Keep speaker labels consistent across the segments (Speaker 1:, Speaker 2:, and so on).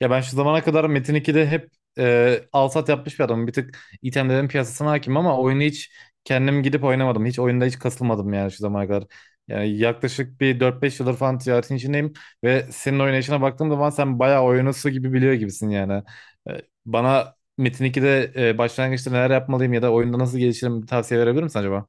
Speaker 1: Ya ben şu zamana kadar Metin 2'de hep alsat yapmış bir adamım. Bir tık itemlerin piyasasına hakim ama oyunu hiç kendim gidip oynamadım. Hiç oyunda hiç kasılmadım yani şu zamana kadar. Yani yaklaşık bir 4-5 yıldır falan ticaretin içindeyim ve senin oynayışına baktığım zaman sen bayağı oyunu su gibi biliyor gibisin yani. Bana Metin 2'de başlangıçta neler yapmalıyım ya da oyunda nasıl gelişirim bir tavsiye verebilir misin acaba?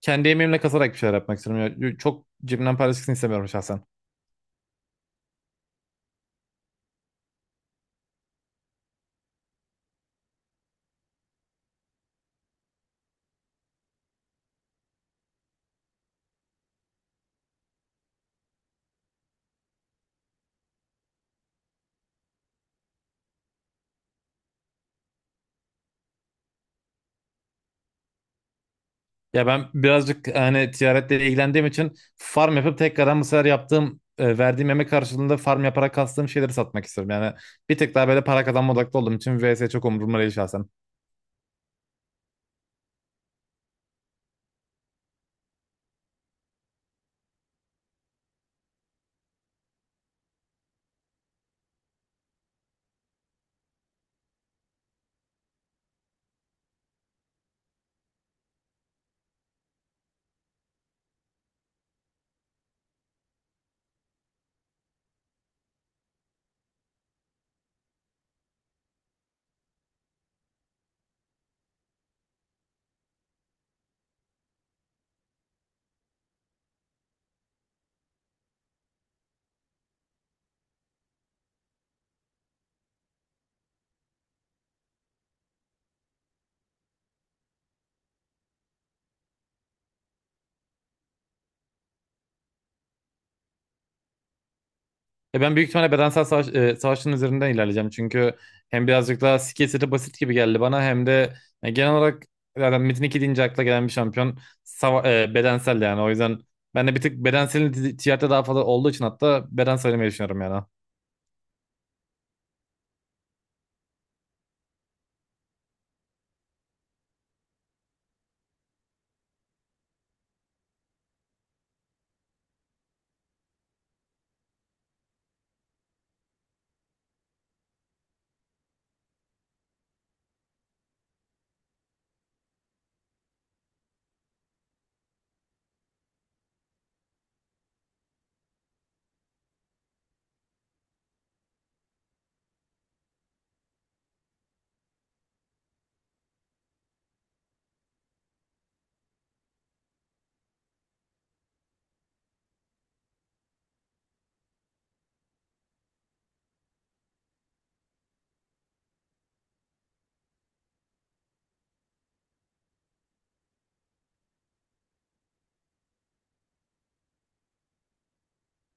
Speaker 1: Kendi emeğimle kasarak bir şeyler yapmak istiyorum. Ya, çok cebimden para çıksın istemiyorum şahsen. Ya ben birazcık hani ticaretle ilgilendiğim için farm yapıp tekrardan bu sefer yaptığım verdiğim emek karşılığında farm yaparak kastığım şeyleri satmak istiyorum. Yani bir tık daha böyle para kazanma odaklı olduğum için vs çok umurumda değil şahsen. Ben büyük ihtimalle bedensel savaşın üzerinden ilerleyeceğim. Çünkü hem birazcık daha skill seti basit gibi geldi bana hem de genel olarak zaten Metin 2 deyince akla gelen bir şampiyon bedensel yani. O yüzden ben de bir tık bedenselin ticarette daha fazla olduğu için hatta beden söylemeyi düşünüyorum yani.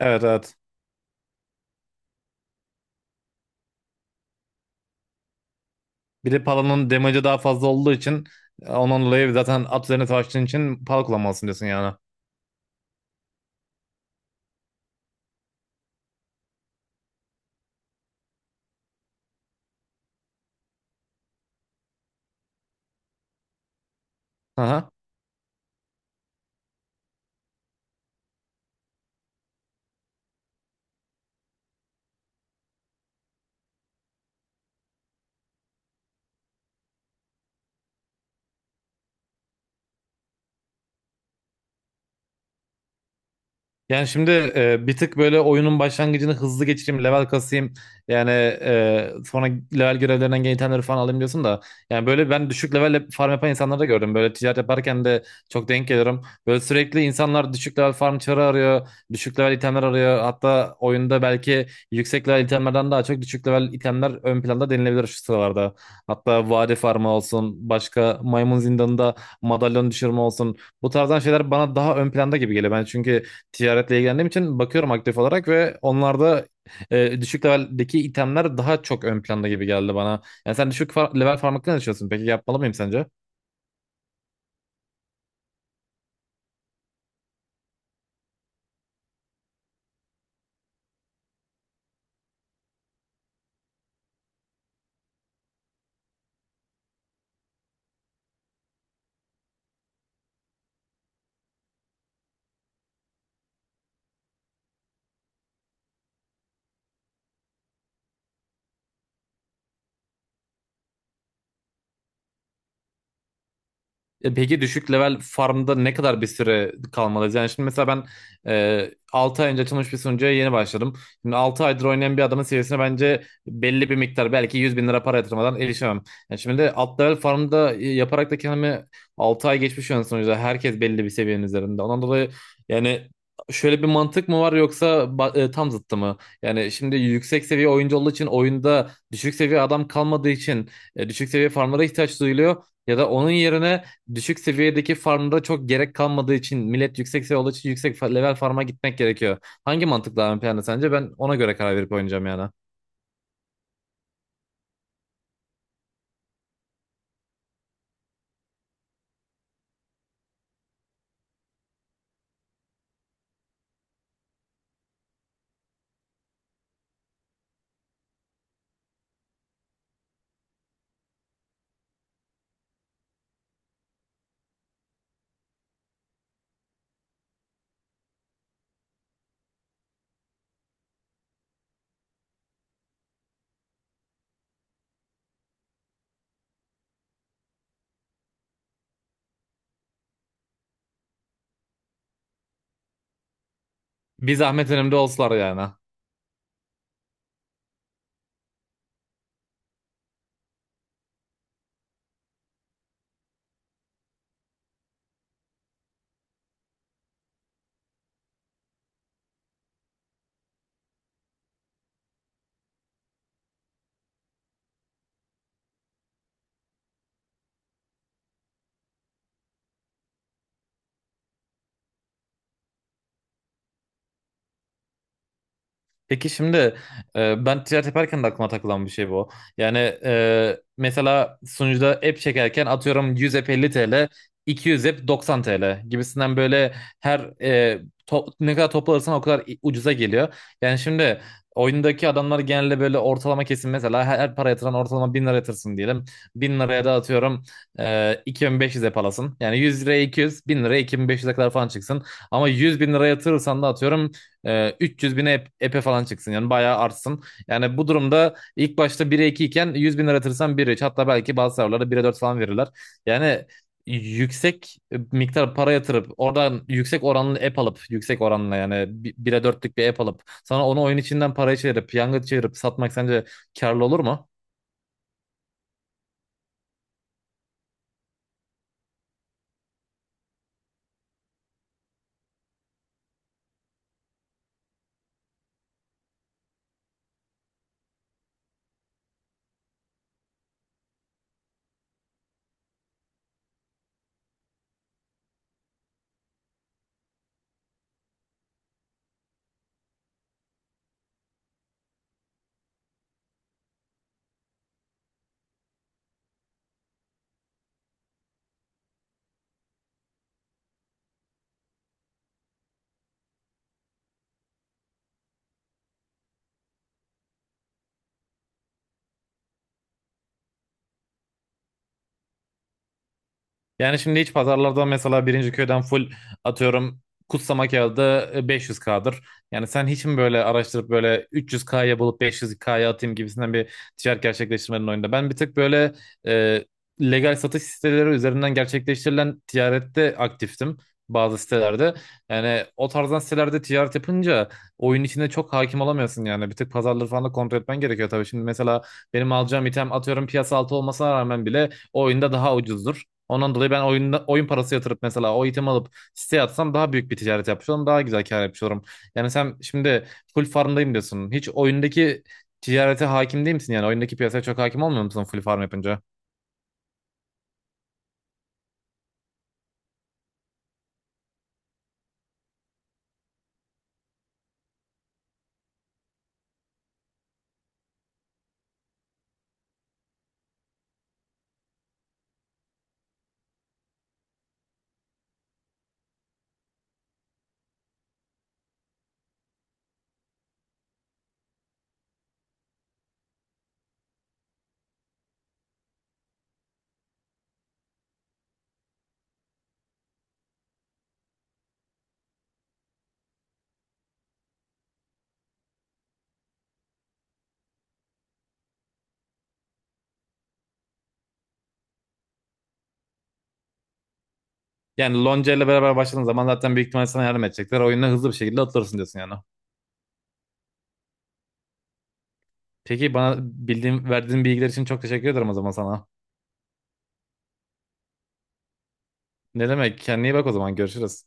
Speaker 1: Evet, evet. Bir de Pala'nın damage'ı daha fazla olduğu için onun dolayı zaten at üzerine savaştığın için Pala kullanmalısın diyorsun yani. Aha. Yani şimdi bir tık böyle oyunun başlangıcını hızlı geçireyim, level kasayım. Yani sonra level görevlerinden gelen itemleri falan alayım diyorsun da. Yani böyle ben düşük level farm yapan insanları da gördüm. Böyle ticaret yaparken de çok denk geliyorum. Böyle sürekli insanlar düşük level farm çarı arıyor, düşük level itemler arıyor. Hatta oyunda belki yüksek level itemlerden daha çok düşük level itemler ön planda denilebilir şu sıralarda. Hatta vade farmı olsun, başka maymun zindanında madalyon düşürme olsun. Bu tarzdan şeyler bana daha ön planda gibi geliyor. Ben çünkü ticaretle ilgilendiğim için bakıyorum aktif olarak ve onlarda düşük leveldeki itemler daha çok ön planda gibi geldi bana. Yani sen level farm hakkında ne düşünüyorsun? Peki yapmalı mıyım sence? Peki düşük level farmda ne kadar bir süre kalmalıyız? Yani şimdi mesela ben 6 ay önce açılmış bir sunucuya yeni başladım. Şimdi 6 aydır oynayan bir adamın seviyesine bence belli bir miktar belki 100 bin lira para yatırmadan erişemem. Yani şimdi de alt level farmda yaparak da kendimi 6 ay geçmiş yani sonuçta herkes belli bir seviyenin üzerinde. Ondan dolayı yani şöyle bir mantık mı var yoksa tam zıttı mı? Yani şimdi yüksek seviye oyuncu olduğu için oyunda düşük seviye adam kalmadığı için düşük seviye farmlara ihtiyaç duyuluyor. Ya da onun yerine düşük seviyedeki farmda çok gerek kalmadığı için millet yüksek seviye olduğu için level farma gitmek gerekiyor. Hangi mantık daha ön planda sence? Ben ona göre karar verip oynayacağım yani. Bir zahmet önümde olsalar yani. Peki şimdi ben ticaret yaparken de aklıma takılan bir şey bu. Yani mesela sunucuda app çekerken atıyorum 100 app 50, 200 app 90 TL gibisinden böyle her ne kadar toplarsan o kadar ucuza geliyor. Yani şimdi oyundaki adamlar genelde böyle ortalama kesin mesela her para yatıran ortalama 1000 lira yatırsın diyelim. Bin liraya da atıyorum 2.500 app alasın. Yani 100 liraya 200, 1000 liraya 2.500'e kadar falan çıksın. Ama 100 bin lira yatırırsan da atıyorum 300 bine epe falan çıksın yani bayağı artsın. Yani bu durumda ilk başta 1'e 2 iken 100 bin yaratırsan 1'e 3 hatta belki bazı serverlara 1'e 4 falan verirler. Yani yüksek miktar para yatırıp oradan yüksek oranlı app alıp yüksek oranla yani 1'e dörtlük bir app alıp sana onu oyun içinden paraya çevirip yanga çevirip satmak sence karlı olur mu? Yani şimdi hiç pazarlarda mesela birinci köyden full atıyorum kutsama kağıdı 500K'dır. Yani sen hiç mi böyle araştırıp böyle 300K'ya bulup 500K'ya atayım gibisinden bir ticaret gerçekleştirmenin oyunda. Ben bir tık böyle e, legal satış siteleri üzerinden gerçekleştirilen ticarette aktiftim bazı sitelerde. Yani o tarzdan sitelerde ticaret yapınca oyun içinde çok hakim olamıyorsun yani. Bir tık pazarları falan da kontrol etmen gerekiyor tabii. Şimdi mesela benim alacağım item atıyorum piyasa altı olmasına rağmen bile o oyunda daha ucuzdur. Ondan dolayı ben oyunda, oyun parası yatırıp mesela o itemi alıp siteye atsam daha büyük bir ticaret yapmış olurum. Daha güzel kar yapmış olurum. Yani sen şimdi full farmdayım diyorsun. Hiç oyundaki ticarete hakim değil misin? Yani oyundaki piyasaya çok hakim olmuyor musun full farm yapınca? Yani Lonca ile beraber başladığın zaman zaten büyük ihtimalle sana yardım edecekler. Oyuna hızlı bir şekilde atılırsın diyorsun yani. Peki bana bildiğin, verdiğin bilgiler için çok teşekkür ederim o zaman sana. Ne demek? Kendine iyi bak o zaman. Görüşürüz.